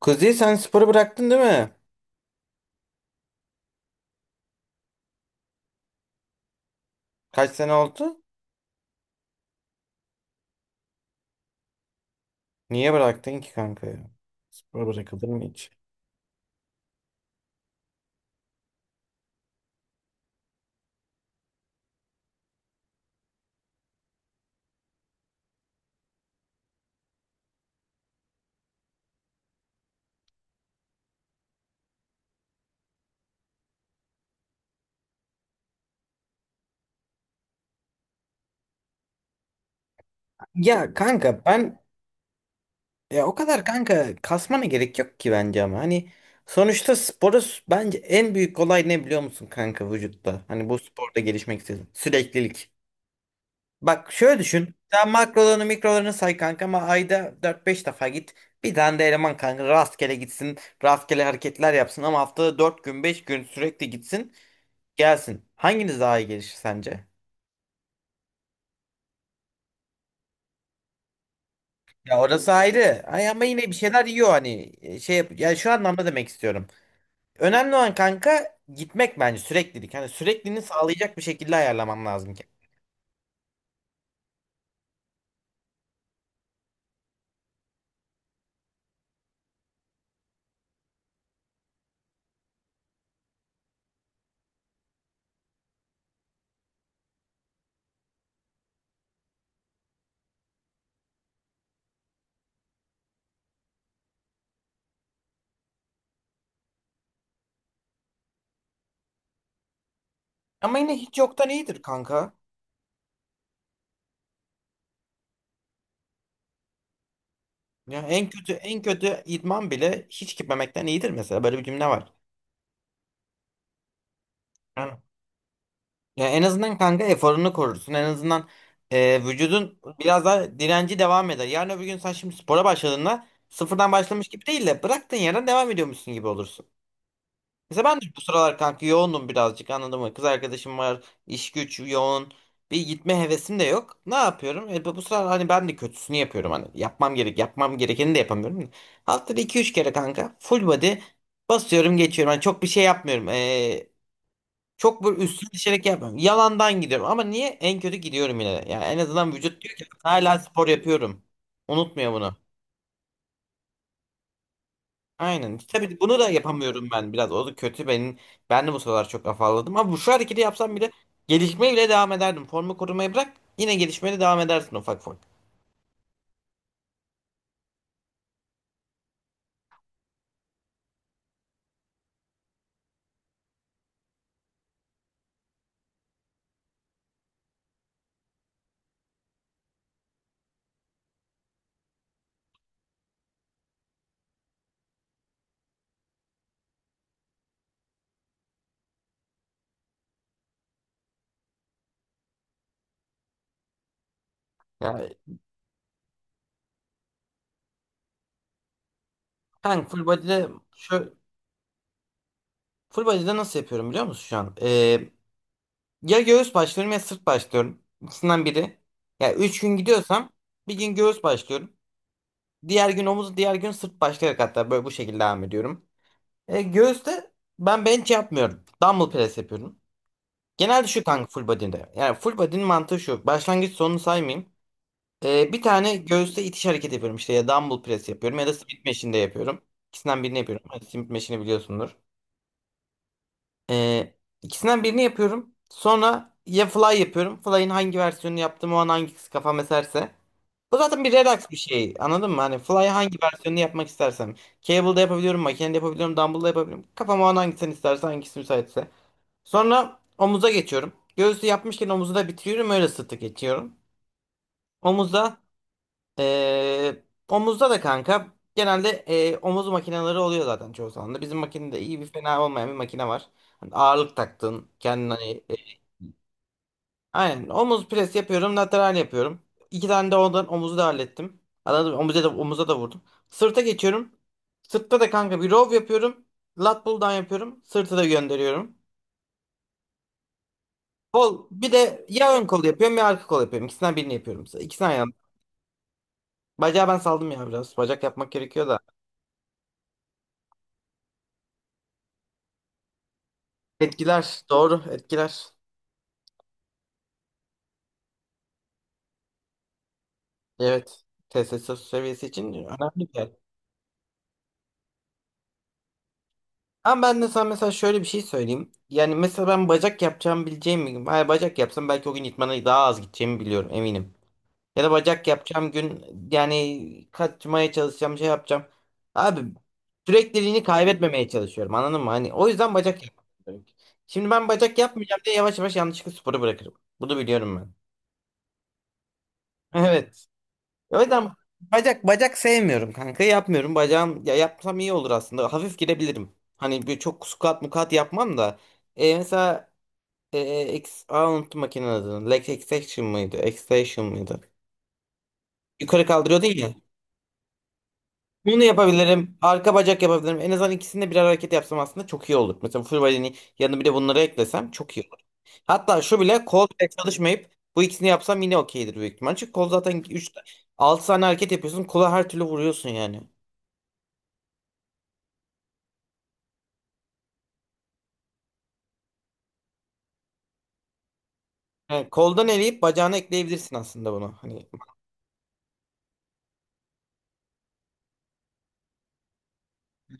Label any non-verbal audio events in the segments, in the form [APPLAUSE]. Kuzey sen sporu bıraktın değil mi? Kaç sene oldu? Niye bıraktın ki kanka ya? Spor bırakılır mı hiç? Ya kanka ben Ya o kadar kanka kasmana gerek yok ki bence ama hani sonuçta bence en büyük olay ne biliyor musun kanka vücutta? Hani bu sporda gelişmek istedim. Süreklilik. Bak şöyle düşün. Sen makrolarını mikrolarını say kanka ama ayda dört beş defa git. Bir tane de eleman kanka rastgele gitsin. Rastgele hareketler yapsın ama haftada 4 gün 5 gün sürekli gitsin. Gelsin. Hanginiz daha iyi gelişir sence? Ya orası ayrı. Ay ama yine bir şeyler yiyor hani. Şey yap ya şu anlamda demek istiyorum. Önemli olan kanka gitmek bence, süreklilik. Hani sürekliliğini sağlayacak bir şekilde ayarlamam lazım ki. Ama yine hiç yoktan iyidir kanka. Ya en kötü en kötü idman bile hiç gitmemekten iyidir mesela, böyle bir cümle var. Yani, ya en azından kanka eforunu korursun. En azından vücudun biraz daha direnci devam eder. Yarın öbür gün sen şimdi spora başladığında sıfırdan başlamış gibi değil de bıraktığın yerden devam ediyormuşsun gibi olursun. Mesela ben de bu sıralar kanka yoğundum birazcık, anladın mı? Kız arkadaşım var, iş güç yoğun. Bir gitme hevesim de yok. Ne yapıyorum? Bu sıralar hani ben de kötüsünü yapıyorum hani. Yapmam gerek, yapmam gerekeni de yapamıyorum. Haftada iki üç kere kanka full body basıyorum geçiyorum. Hani çok bir şey yapmıyorum. Çok böyle üstüne düşerek yapmıyorum. Yalandan gidiyorum ama niye en kötü gidiyorum yine de. Yani en azından vücut diyor ki hala spor yapıyorum. Unutmuyor bunu. Aynen. Tabii bunu da yapamıyorum ben biraz. O da kötü benim. Ben de bu sıralar çok afalladım. Ama bu, şu hareketi yapsam bile gelişmeye bile devam ederdim. Formu korumayı bırak, yine gelişmeye de devam edersin ufak ufak. Yani kanka full body'de şu full body'de nasıl yapıyorum biliyor musun şu an? Ya göğüs başlıyorum ya sırt başlıyorum. İkisinden biri. Ya 3 gün gidiyorsam bir gün göğüs başlıyorum. Diğer gün omuz, diğer gün sırt başlayarak, hatta böyle bu şekilde devam ediyorum. Göğüste ben bench yapmıyorum. Dumbbell press yapıyorum. Genelde şu kanka full body'de. Yani full body'nin mantığı şu. Başlangıç sonunu saymayayım. Bir tane göğüste itiş hareketi yapıyorum. İşte ya dumbbell press yapıyorum ya da smith machine'de yapıyorum. İkisinden birini yapıyorum. Hani Smith machine'i biliyorsundur. E, ikisinden birini yapıyorum. Sonra ya fly yapıyorum. Fly'in hangi versiyonunu yaptığım o an hangisi kafam eserse. Bu zaten bir Redux bir şey. Anladın mı? Hani Fly hangi versiyonunu yapmak istersem. Cable'da yapabiliyorum, makinede yapabiliyorum, dumbbell'da yapabiliyorum. Kafama o an hangisini isterse, hangisi müsaitse. Sonra omuza geçiyorum. Göğsü yapmışken omuzu da bitiriyorum. Öyle sırtı geçiyorum. Omuzda omuzda da kanka genelde omuz makineleri oluyor zaten çoğu zaman da. Bizim makinede iyi bir, fena olmayan bir makine var. Hani ağırlık taktığın, kendini hani. Aynen. Omuz pres yapıyorum. Lateral yapıyorum. İki tane de ondan, omuzu da hallettim. Anladım. Omuza da, omuza da vurdum. Sırta geçiyorum. Sırtta da kanka bir row yapıyorum. Lat pull down yapıyorum. Sırtı da gönderiyorum. Kol, bir de ya ön kol yapıyorum ya arka kol yapıyorum. İkisinden birini yapıyorum. İkisinden yandım. Bacağı ben saldım ya biraz. Bacak yapmak gerekiyor da. Etkiler. Doğru, etkiler. Evet. TSS seviyesi için önemli bir yer. Ama ben de sana mesela şöyle bir şey söyleyeyim. Yani mesela ben bacak yapacağım, bileceğim bir gün. Hayır, bacak yapsam belki o gün idmana daha az gideceğimi biliyorum, eminim. Ya da bacak yapacağım gün yani kaçmaya çalışacağım, şey yapacağım. Abi, sürekliliğini kaybetmemeye çalışıyorum, anladın mı? Hani o yüzden bacak [LAUGHS] yapmıyorum. Şimdi ben bacak yapmayacağım diye yavaş yavaş yanlışlıkla sporu bırakırım. Bunu biliyorum ben. [LAUGHS] Evet. O yüzden bacak sevmiyorum kanka. Yapmıyorum. Bacağım, ya yapsam iyi olur aslında. Hafif girebilirim. Hani bir çok squat mukat yapmam da. Mesela e, unuttum makinenin adını. Leg extension mıydı? Extension mıydı? Yukarı kaldırıyordun ya. Bunu yapabilirim. Arka bacak yapabilirim. En azından ikisinde birer hareket yapsam aslında çok iyi olur. Mesela full body'nin yanına bir de bunları eklesem çok iyi olur. Hatta şu bile, kol pek çalışmayıp bu ikisini yapsam yine okeydir büyük ihtimal. Çünkü kol zaten 3 6 tane hareket yapıyorsun. Kola her türlü vuruyorsun yani. Yani koldan eleyip bacağına ekleyebilirsin aslında bunu. Hani.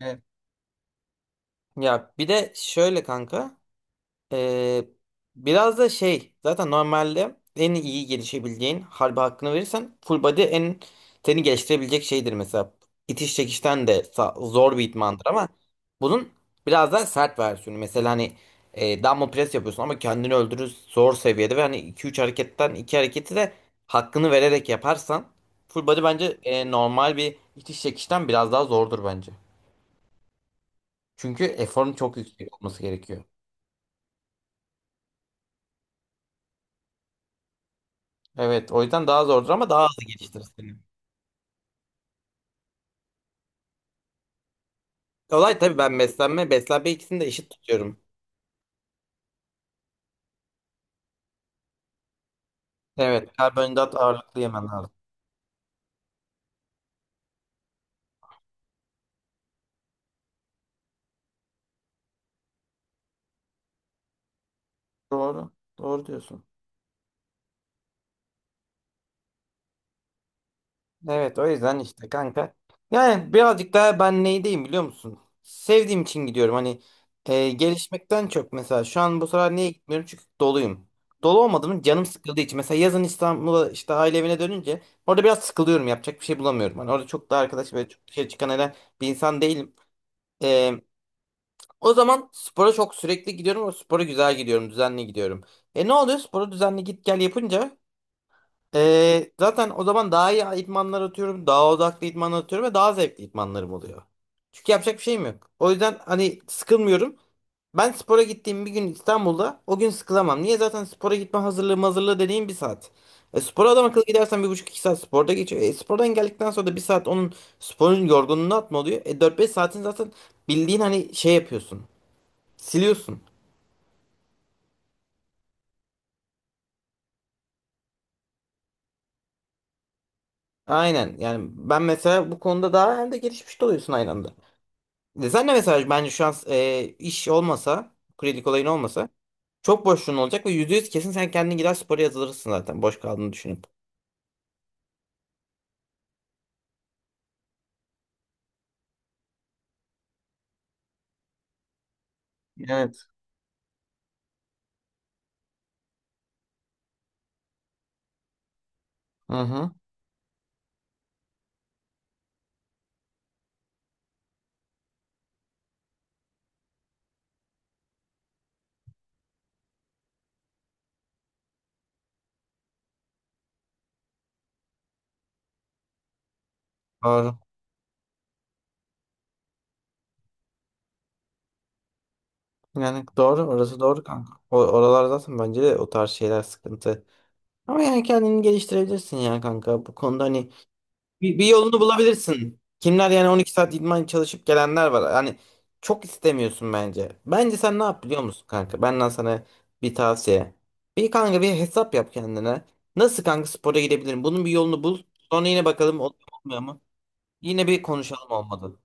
Evet. Ya bir de şöyle kanka. Ee, Biraz da şey, zaten normalde en iyi gelişebileceğin, harbi hakkını verirsen full body en seni geliştirebilecek şeydir mesela. İtiş çekişten de zor bir idmandır ama bunun biraz daha sert versiyonu. Mesela hani dumbbell press yapıyorsun ama kendini öldürür zor seviyede ve hani iki üç hareketten 2 hareketi de hakkını vererek yaparsan full body bence normal bir itiş çekişten biraz daha zordur bence. Çünkü eforun çok yüksek olması gerekiyor. Evet, o yüzden daha zordur ama daha hızlı geliştirir seni. Olay tabii, ben beslenme ikisini de eşit tutuyorum. Evet, karbonhidrat ağırlıklı yemen lazım. Doğru, doğru diyorsun. Evet, o yüzden işte kanka. Yani birazcık daha ben neydeyim biliyor musun? Sevdiğim için gidiyorum. Hani gelişmekten çok, mesela şu an bu sıralar niye gitmiyorum? Çünkü doluyum. Dolu olmadığım, canım sıkıldığı için. Mesela yazın İstanbul'a işte aile evine dönünce orada biraz sıkılıyorum. Yapacak bir şey bulamıyorum. Hani orada çok da arkadaş ve çok dışarı çıkan eden bir insan değilim. E, O zaman spora çok sürekli gidiyorum ve spora güzel gidiyorum, düzenli gidiyorum. Ne oluyor? Spora düzenli git gel yapınca zaten o zaman daha iyi idmanlar atıyorum, daha odaklı idmanlar atıyorum ve daha zevkli idmanlarım oluyor. Çünkü yapacak bir şeyim yok. O yüzden hani sıkılmıyorum. Ben spora gittiğim bir gün İstanbul'da o gün sıkılamam. Niye? Zaten spora gitme hazırlığı dediğim bir saat. Spora adam akıllı gidersen bir buçuk iki saat sporda geçiyor. Spordan geldikten sonra da bir saat onun, sporun yorgunluğunu atma oluyor. Dört beş saatin zaten, bildiğin hani şey yapıyorsun. Siliyorsun. Aynen. Yani ben mesela bu konuda, daha hem de gelişmiş de oluyorsun aynı anda. Sen de mesela bence şu an iş olmasa, kredi olayın olmasa çok boşluğun olacak ve %100 kesin sen kendin gider spora yazılırsın zaten, boş kaldığını düşünüp. Evet. Hı hı. Doğru. Yani doğru. Orası doğru kanka. Oralar zaten bence de o tarz şeyler sıkıntı. Ama yani kendini geliştirebilirsin ya kanka. Bu konuda hani bir yolunu bulabilirsin. Kimler, yani 12 saat idman çalışıp gelenler var. Yani çok istemiyorsun bence. Bence sen ne yap biliyor musun kanka? Benden sana bir tavsiye. Bir kanka, bir hesap yap kendine. Nasıl kanka spora gidebilirim? Bunun bir yolunu bul. Sonra yine bakalım oluyor mu, olmuyor mu? Yine bir konuşalım olmadı.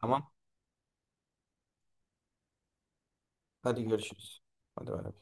Tamam. Hadi görüşürüz. Hadi bay bay.